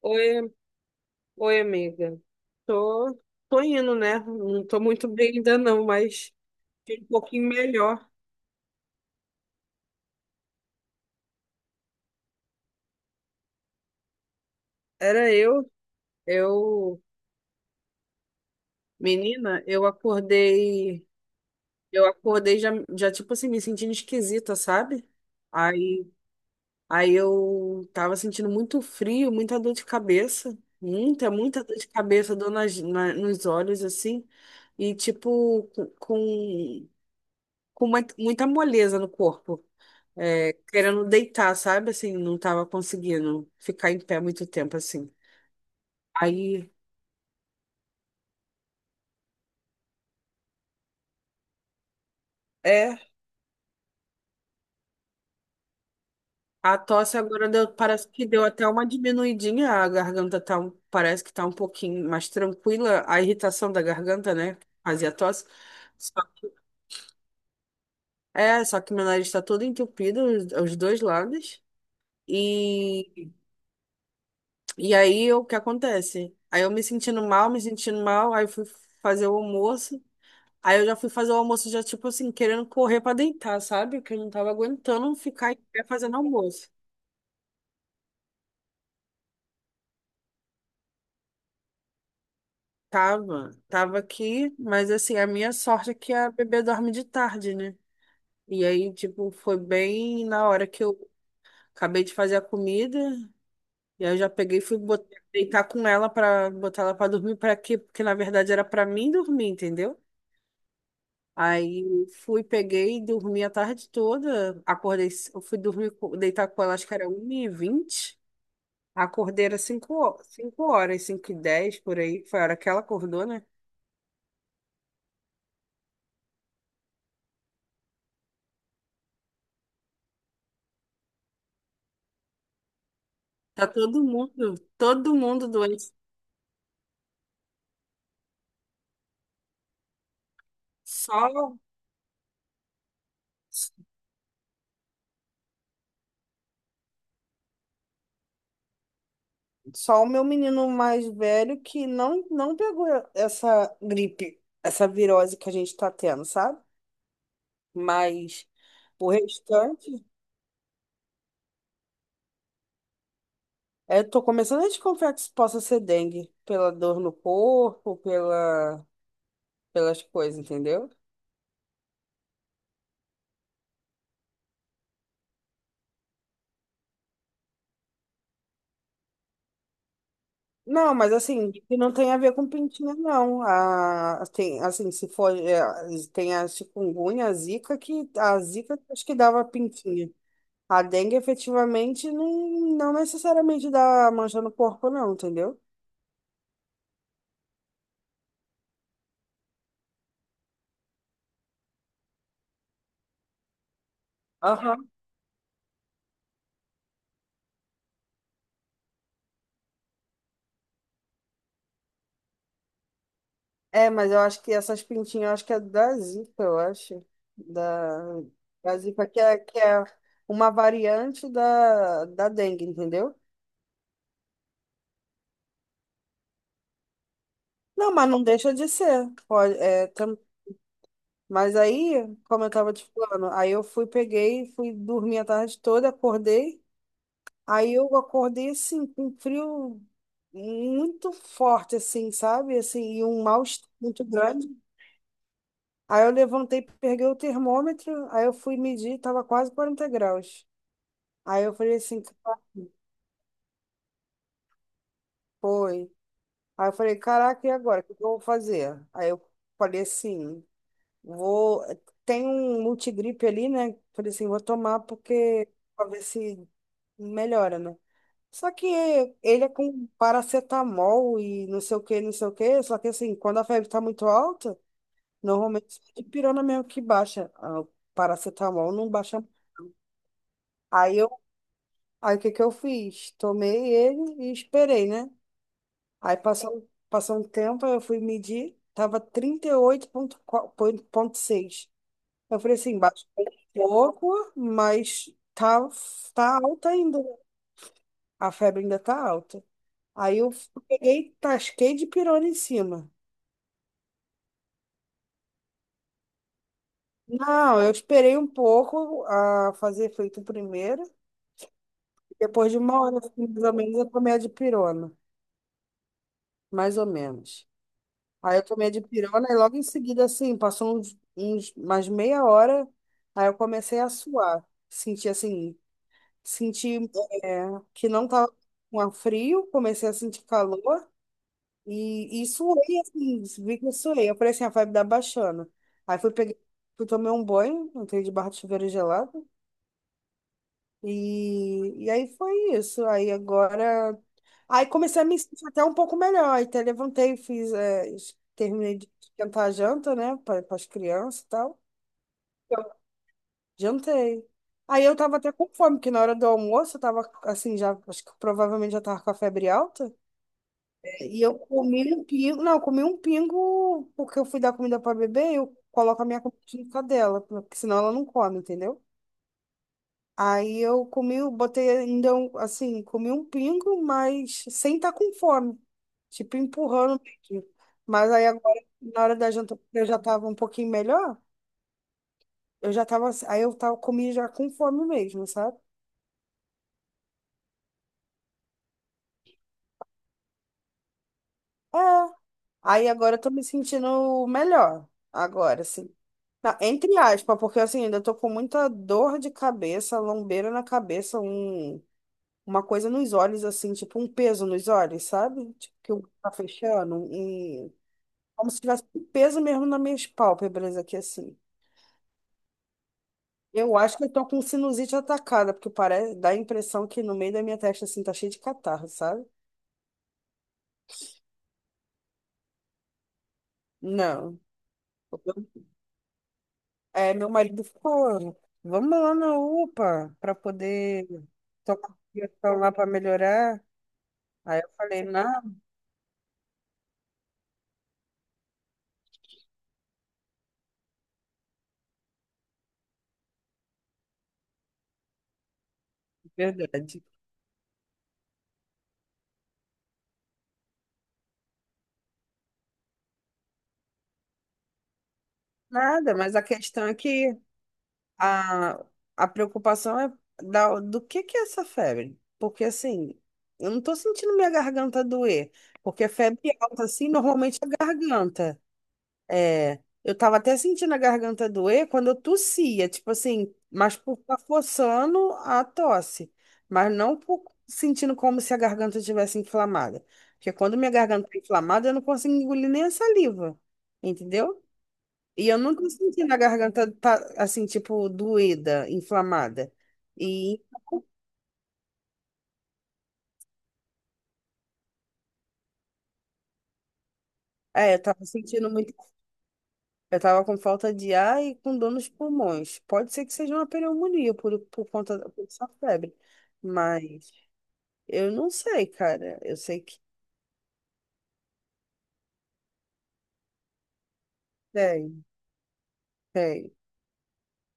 Oi, oi, amiga. Tô, tô indo, né? Não tô muito bem ainda não, mas fiquei um pouquinho melhor. Era eu, menina, eu acordei já tipo assim, me sentindo esquisita, sabe? Aí, aí eu tava sentindo muito frio, muita dor de cabeça, muita, muita dor de cabeça, dor nos olhos, assim, e tipo, muita moleza no corpo. É, querendo deitar, sabe? Assim, não tava conseguindo ficar em pé muito tempo, assim. Aí, é, a tosse agora parece que deu até uma diminuidinha, a garganta tá, um- parece que tá um pouquinho mais tranquila, a irritação da garganta, né? Fazia tosse. Só- só que meu nariz está todo entupido, os dois lados. E, e aí, o que acontece? Aí eu me sentindo mal, aí fui fazer o almoço. Aí eu já fui fazer o almoço, já, tipo assim, querendo correr pra deitar, sabe? Porque eu não tava aguentando ficar em pé fazendo almoço. Tava aqui, mas assim, a minha sorte é que a bebê dorme de tarde, né? E aí, tipo, foi bem na hora que eu acabei de fazer a comida, e aí eu já peguei e deitar com ela pra botar ela pra dormir, pra quê? Porque na verdade era pra mim dormir, entendeu? Aí fui, peguei e dormi a tarde toda, acordei, eu fui dormir, deitar com ela, acho que era 1 e vinte. Acordei era cinco horas, 5 e 10 por aí, foi a hora que ela acordou, né? Tá todo mundo doente. Só, só o meu menino mais velho que não pegou essa gripe, essa virose que a gente tá tendo, sabe? Mas o restante, é, eu tô começando a desconfiar que isso possa ser dengue, pela dor no corpo, pelas coisas, entendeu? Não, mas assim, que não tem a ver com pintinha, não. A, tem, assim, se for, é, tem a chikungunya, a zika, que a zika acho que dava pintinha. A dengue efetivamente não, não necessariamente dá mancha no corpo, não, entendeu? Aham. É, mas eu acho que essas pintinhas, eu acho que é da zika, eu acho. Da, da zika, que é uma variante da dengue, entendeu? Não, mas não deixa de ser. Pode. Mas aí, como eu tava te falando, aí eu fui, peguei, fui dormir a tarde toda, acordei. Aí eu acordei assim, com um frio muito forte, assim, sabe? Assim, e um mal-estar muito grande. Aí eu levantei, peguei o termômetro, aí eu fui medir, tava quase 40 graus. Aí eu falei assim, caraca, foi. Aí eu falei, caraca, e agora? O que que eu vou fazer? Aí eu falei assim. Vou, tem um multigripe ali, né? Falei assim, vou tomar porque pra ver se melhora, né? Só que ele é com paracetamol e não sei o que, não sei o que. Só que assim, quando a febre tá muito alta, normalmente é dipirona mesmo que baixa. Ah, o paracetamol não baixa. Aí eu, aí o que que eu fiz? Tomei ele e esperei, né? Aí passou um tempo, aí eu fui medir, tava 38,6. Eu falei assim, baixou um pouco, mas tá alta ainda, né? A febre ainda tá alta. Aí eu peguei, tasquei de pirona em cima. Não, eu esperei um pouco a fazer efeito primeiro. Depois de uma hora, assim, mais ou menos, eu tomei a dipirona. Mais ou menos. Aí eu tomei a dipirona e logo em seguida, assim, passou uns mais meia hora, aí eu comecei a suar. Senti, é, que não tava com a frio, comecei a sentir calor e suei, assim, vi que eu suei. Eu falei assim, a vibe da baixando. Aí fui peguei, fui tomei um banho, entrei de barra de chuveiro gelado e aí foi isso. Aí agora, aí comecei a me sentir até um pouco melhor. Aí até levantei, terminei de esquentar a janta, né, para as crianças e tal. Jantei. Aí eu tava até com fome, porque na hora do almoço eu tava assim, já, acho que provavelmente já tava com a febre alta. E eu comi um pingo, não, eu comi um pingo, porque eu fui dar comida pra bebê, eu coloco a minha comida junto dela, porque senão ela não come, entendeu? Aí eu comi, eu botei ainda um, assim, comi um pingo, mas sem estar com fome, tipo empurrando mesmo. Mas aí agora, na hora da janta, eu já tava um pouquinho melhor, eu já tava, aí eu tava, comi já com fome mesmo, sabe? É. Aí agora eu tô me sentindo melhor. Agora, assim. Na- entre aspas, porque assim, ainda tô com muita dor de cabeça, lombeira na cabeça, um, uma coisa nos olhos, assim, tipo um peso nos olhos, sabe? Tipo, que o tá fechando. Um- um, como se tivesse um peso mesmo nas minhas pálpebras aqui, assim. Eu acho que eu tô com sinusite atacada, porque parece, dá a impressão que no meio da minha testa, assim, tá cheio de catarro, sabe? Não. É, meu marido ficou, vamos lá na UPA para poder tomar uma injeção lá para melhorar. Aí eu falei, não, verdade. Nada, mas a questão é que a, a preocupação é da, do que é essa febre? Porque assim, eu não tô sentindo minha garganta doer, porque febre alta assim normalmente é garganta. É, eu tava até sentindo a garganta doer quando eu tossia, tipo assim, mas por estar forçando a tosse, mas não por sentindo como se a garganta estivesse inflamada. Porque quando minha garganta tá inflamada, eu não consigo engolir nem a saliva, entendeu? E eu nunca senti na garganta tá, assim, tipo, doída, inflamada. E é, eu tava sentindo muito. Eu tava com falta de ar e com dor nos pulmões. Pode ser que seja uma pneumonia por, conta da por essa febre, mas. Eu não sei, cara. Eu sei que tem, tem.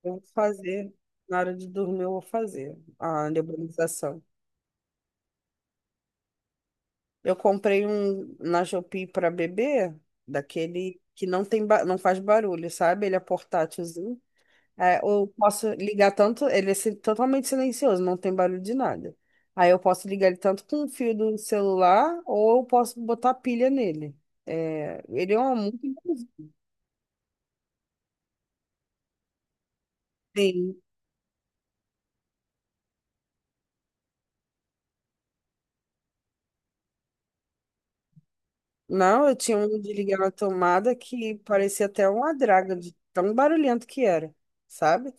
Eu vou fazer. Na hora de dormir, eu vou fazer a nebulização. Eu comprei um na Shopee para bebê, daquele que não tem, não faz barulho, sabe? Ele é portátilzinho. É, eu posso ligar tanto, ele é totalmente silencioso, não tem barulho de nada. Aí eu posso ligar ele tanto com o fio do celular, ou eu posso botar pilha nele. É, ele é um muito bonzinho. Não, eu tinha um de ligar na tomada que parecia até uma draga, de tão barulhento que era, sabe?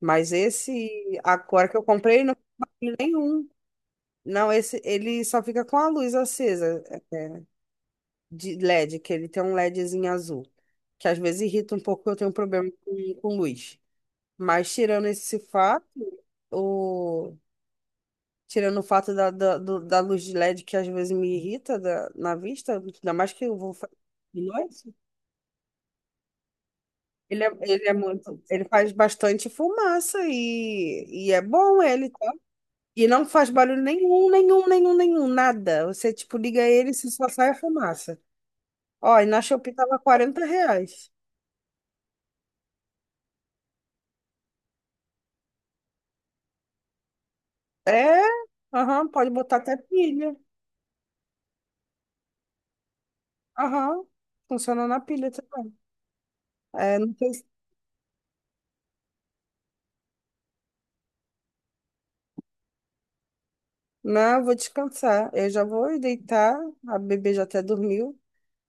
Mas esse agora que eu comprei, não tem barulho nenhum. Não, esse ele só fica com a luz acesa, é, de LED, que ele tem um LEDzinho azul, que às vezes irrita um pouco, eu tenho um problema com luz. Mas tirando esse fato, o tirando o fato da, da luz de LED que às vezes me irrita na vista, ainda mais que eu vou fazer de noite. Ele é muito, ele faz bastante fumaça e é bom ele, tá? E não faz barulho nenhum, nenhum, nenhum, nenhum, nada. Você, tipo, liga ele e só sai a fumaça. Ó, e na Shopee tava R$ 40. É, aham, pode botar até pilha. Aham, funciona na pilha também. É, não tem... Não, eu vou descansar. Eu já vou ir deitar, a bebê já até dormiu.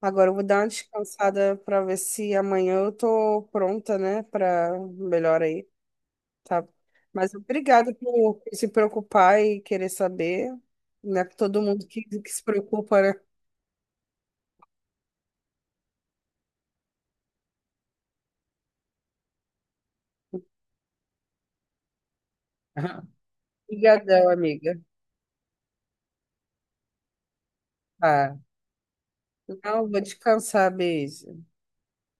Agora eu vou dar uma descansada para ver se amanhã eu tô pronta, né, para melhor aí. Tá. Mas obrigada por se preocupar e querer saber. Não é todo mundo que se preocupa, né? Obrigadão, amiga. Tá. Não, vou descansar. Beijo.